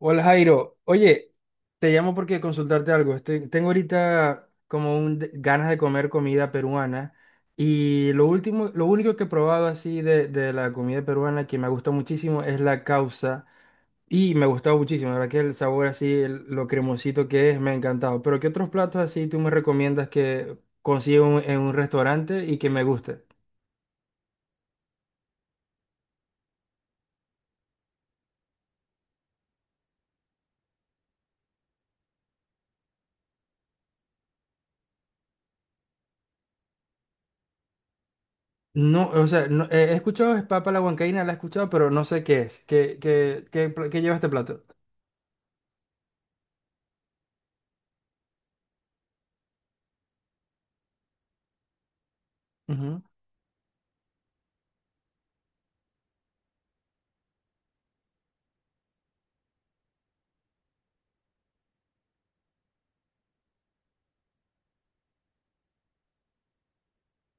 Hola Jairo, oye, te llamo porque consultarte algo. Tengo ahorita como un ganas de comer comida peruana y lo último, lo único que he probado así de la comida peruana que me gusta muchísimo es la causa y me ha gustado muchísimo, la verdad que el sabor así, lo cremosito que es, me ha encantado. Pero ¿qué otros platos así tú me recomiendas que consiga en un restaurante y que me guste? No, o sea, he escuchado es papa a la huancaína, la he escuchado, pero no sé qué es. Qué lleva este plato?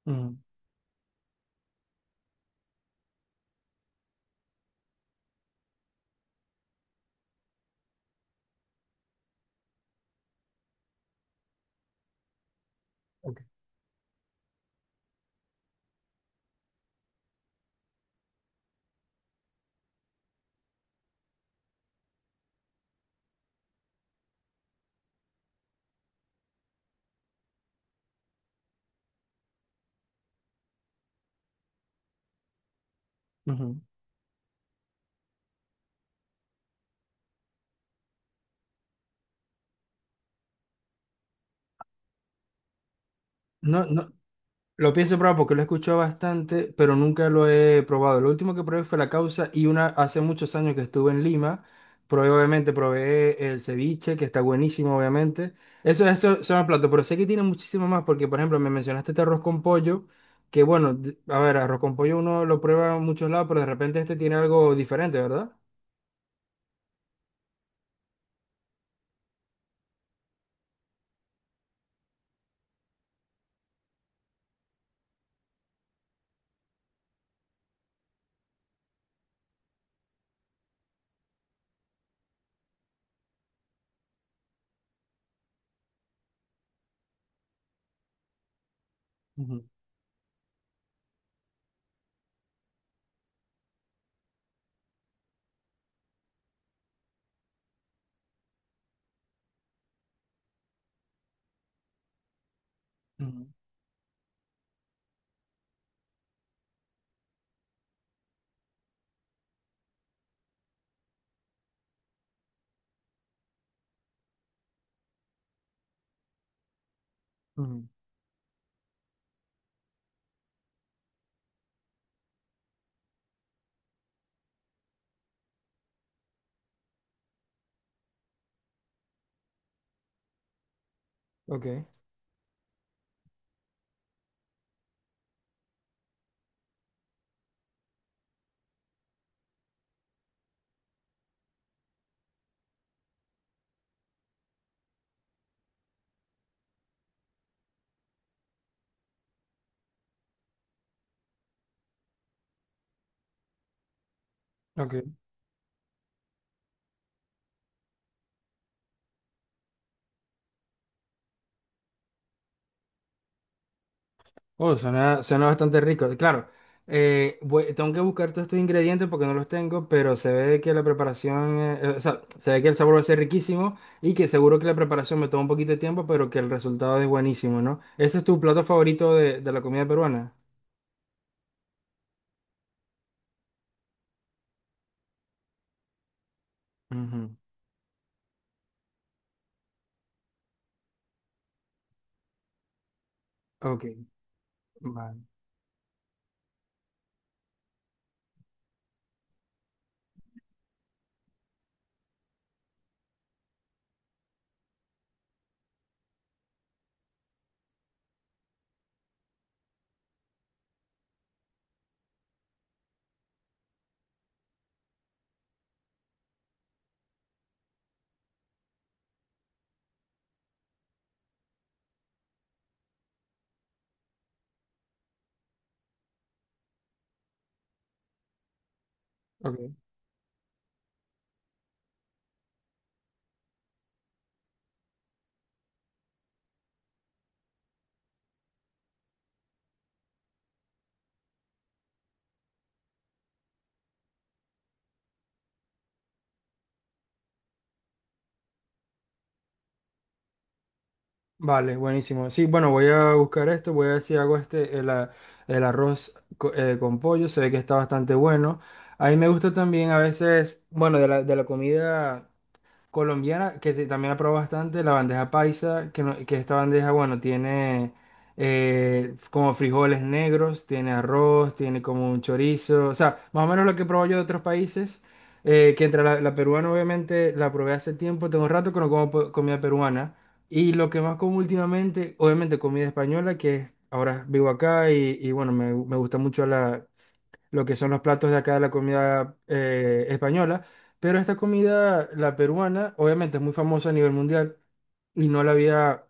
Mm, ok. Ujú. No, no, lo pienso probar porque lo he escuchado bastante, pero nunca lo he probado. Lo último que probé fue la causa y una hace muchos años que estuve en Lima, probé obviamente, probé el ceviche, que está buenísimo, obviamente. Eso son los platos, pero sé que tiene muchísimo más porque, por ejemplo, me mencionaste este arroz con pollo, que bueno, a ver, arroz con pollo uno lo prueba en muchos lados, pero de repente este tiene algo diferente, ¿verdad? Ujú, ujú, ujú. Ok, ok. Oh, suena, suena bastante rico. Claro, tengo que buscar todos estos ingredientes porque no los tengo, pero se ve que la preparación, o sea, se ve que el sabor va a ser riquísimo y que seguro que la preparación me toma un poquito de tiempo, pero que el resultado es buenísimo, ¿no? ¿Ese es tu plato favorito de la comida peruana? Ujú. Ok, vale, ok. Vale, buenísimo. Sí, bueno, voy a buscar esto, voy a ver si hago este, el con pollo, se ve que está bastante bueno. A mí me gusta también a veces, bueno, de la comida colombiana, que también la probó bastante, la bandeja paisa, que, que esta bandeja, bueno, tiene como frijoles negros, tiene arroz, tiene como un chorizo, o sea, más o menos lo que he probado yo de otros países, que entre la peruana, obviamente, la probé hace tiempo, tengo rato que no como comida peruana, y lo que más como últimamente, obviamente, comida española, ahora vivo acá y bueno, me gusta mucho lo que son los platos de acá de la comida española, pero esta comida, la peruana, obviamente es muy famosa a nivel mundial y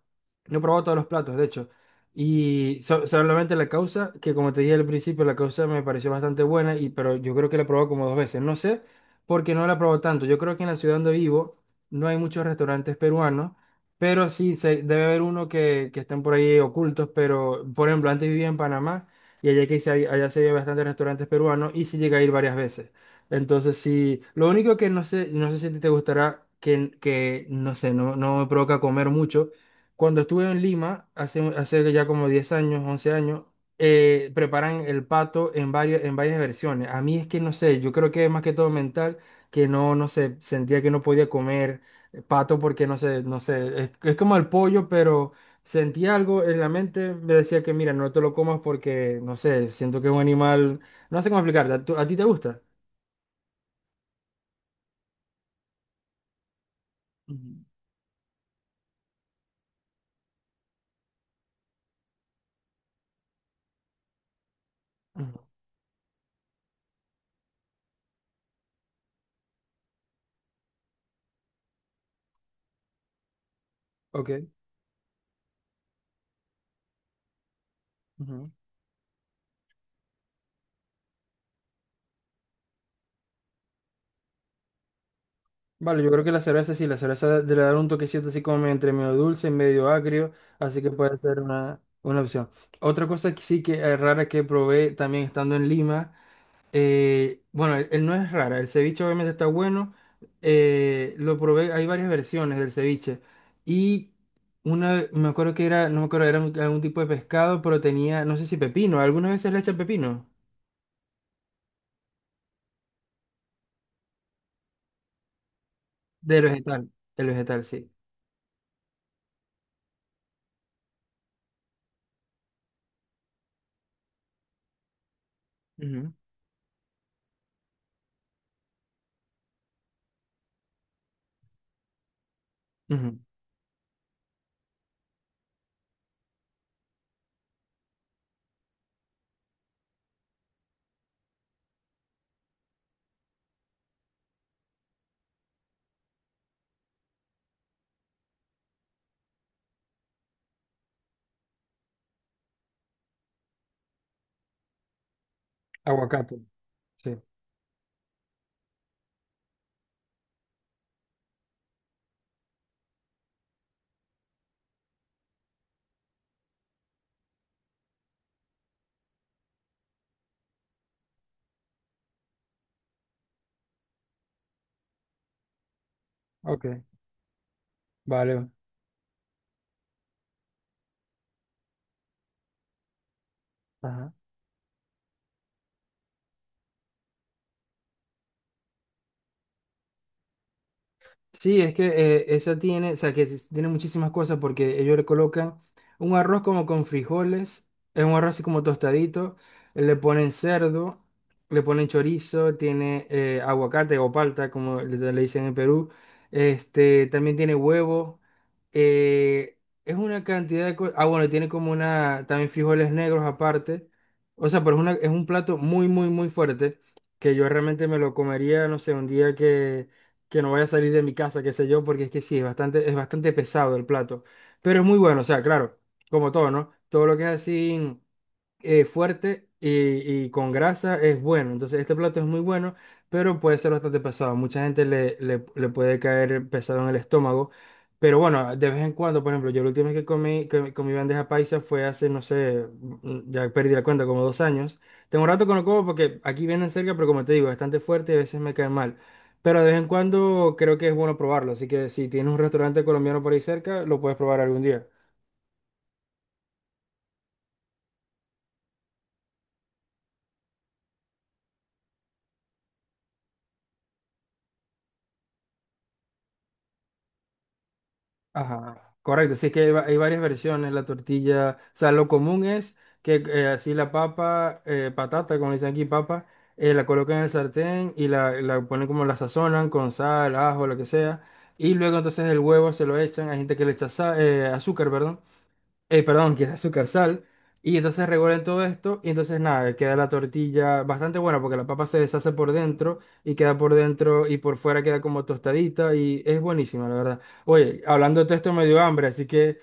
no he probado todos los platos, de hecho. Y solamente la causa, que como te dije al principio, la causa me pareció bastante buena, y, pero yo creo que la he probado como dos veces. No sé por qué no la he probado tanto. Yo creo que en la ciudad donde vivo no hay muchos restaurantes peruanos, pero sí debe haber uno que estén por ahí ocultos, pero por ejemplo, antes vivía en Panamá y allá, allá se había bastantes restaurantes peruanos y sí llegué a ir varias veces. Entonces, sí, lo único que no sé, no sé si a ti te gustará, que no sé, no, no me provoca comer mucho. Cuando estuve en Lima, hace, hace ya como 10 años, 11 años, preparan el pato en varias versiones. A mí es que no sé, yo creo que es más que todo mental, que no, no sé, sentía que no podía comer pato porque no sé, no sé, es como el pollo, pero sentía algo en la mente, me decía que mira, no te lo comas porque, no sé, siento que es un animal, no sé cómo explicarte, ¿a, a ti te gusta? Ujú, ujú, Ok. ujú. Vale, yo creo que la cerveza sí, la cerveza le dar un toquecito así como entre medio dulce y medio agrio, así que puede ser una opción. Otra cosa que sí que es rara que probé también estando en Lima, bueno, él no es rara, el ceviche obviamente está bueno, lo probé, hay varias versiones del ceviche y una, me acuerdo que era, no me acuerdo, era algún tipo de pescado, pero tenía, no sé si pepino, algunas veces le echan pepino, del vegetal, del vegetal, sí. Ujú. Aguacate, sí. Ok, vale. Ajá. Sí, es que esa tiene, o sea, tiene muchísimas cosas porque ellos le colocan un arroz como con frijoles, es un arroz así como tostadito, le ponen cerdo, le ponen chorizo, tiene aguacate o palta, como le dicen en Perú, este, también tiene huevo, eh, es una cantidad de cosas, ah, bueno, tiene como una, también frijoles negros aparte, o sea, pero es, una, es un plato muy fuerte que yo realmente me lo comería, no sé, un día que no vaya a salir de mi casa, qué sé yo, porque es que sí, es bastante pesado el plato. Pero es muy bueno, o sea, claro, como todo, ¿no? Todo lo que es así fuerte y con grasa es bueno. Entonces, este plato es muy bueno, pero puede ser bastante pesado. Mucha gente le puede caer pesado en el estómago. Pero bueno, de vez en cuando, por ejemplo, yo la última vez que comí bandeja paisa fue hace, no sé, ya perdí la cuenta, como 2 años. Tengo un rato que no como porque aquí vienen cerca, pero como te digo, es bastante fuerte y a veces me cae mal. Pero de vez en cuando creo que es bueno probarlo. Así que si tienes un restaurante colombiano por ahí cerca, lo puedes probar algún día. Ajá, correcto, sí que hay, hay varias versiones, la tortilla, o sea, lo común es que así la papa, patata, como dicen aquí, papa, la colocan en el sartén y la ponen como la sazonan con sal, ajo, lo que sea, y luego entonces el huevo se lo echan, hay gente que le echa azúcar, perdón, perdón, que es azúcar, sal. Y entonces revuelven todo esto y entonces nada, queda la tortilla bastante buena porque la papa se deshace por dentro y queda por dentro y por fuera queda como tostadita y es buenísima, la verdad. Oye, hablando de todo esto me dio hambre, así que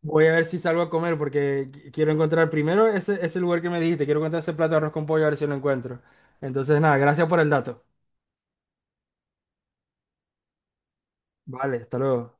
voy a ver si salgo a comer porque quiero encontrar primero ese, ese lugar que me dijiste, quiero encontrar ese plato de arroz con pollo a ver si lo encuentro. Entonces nada, gracias por el dato. Vale, hasta luego.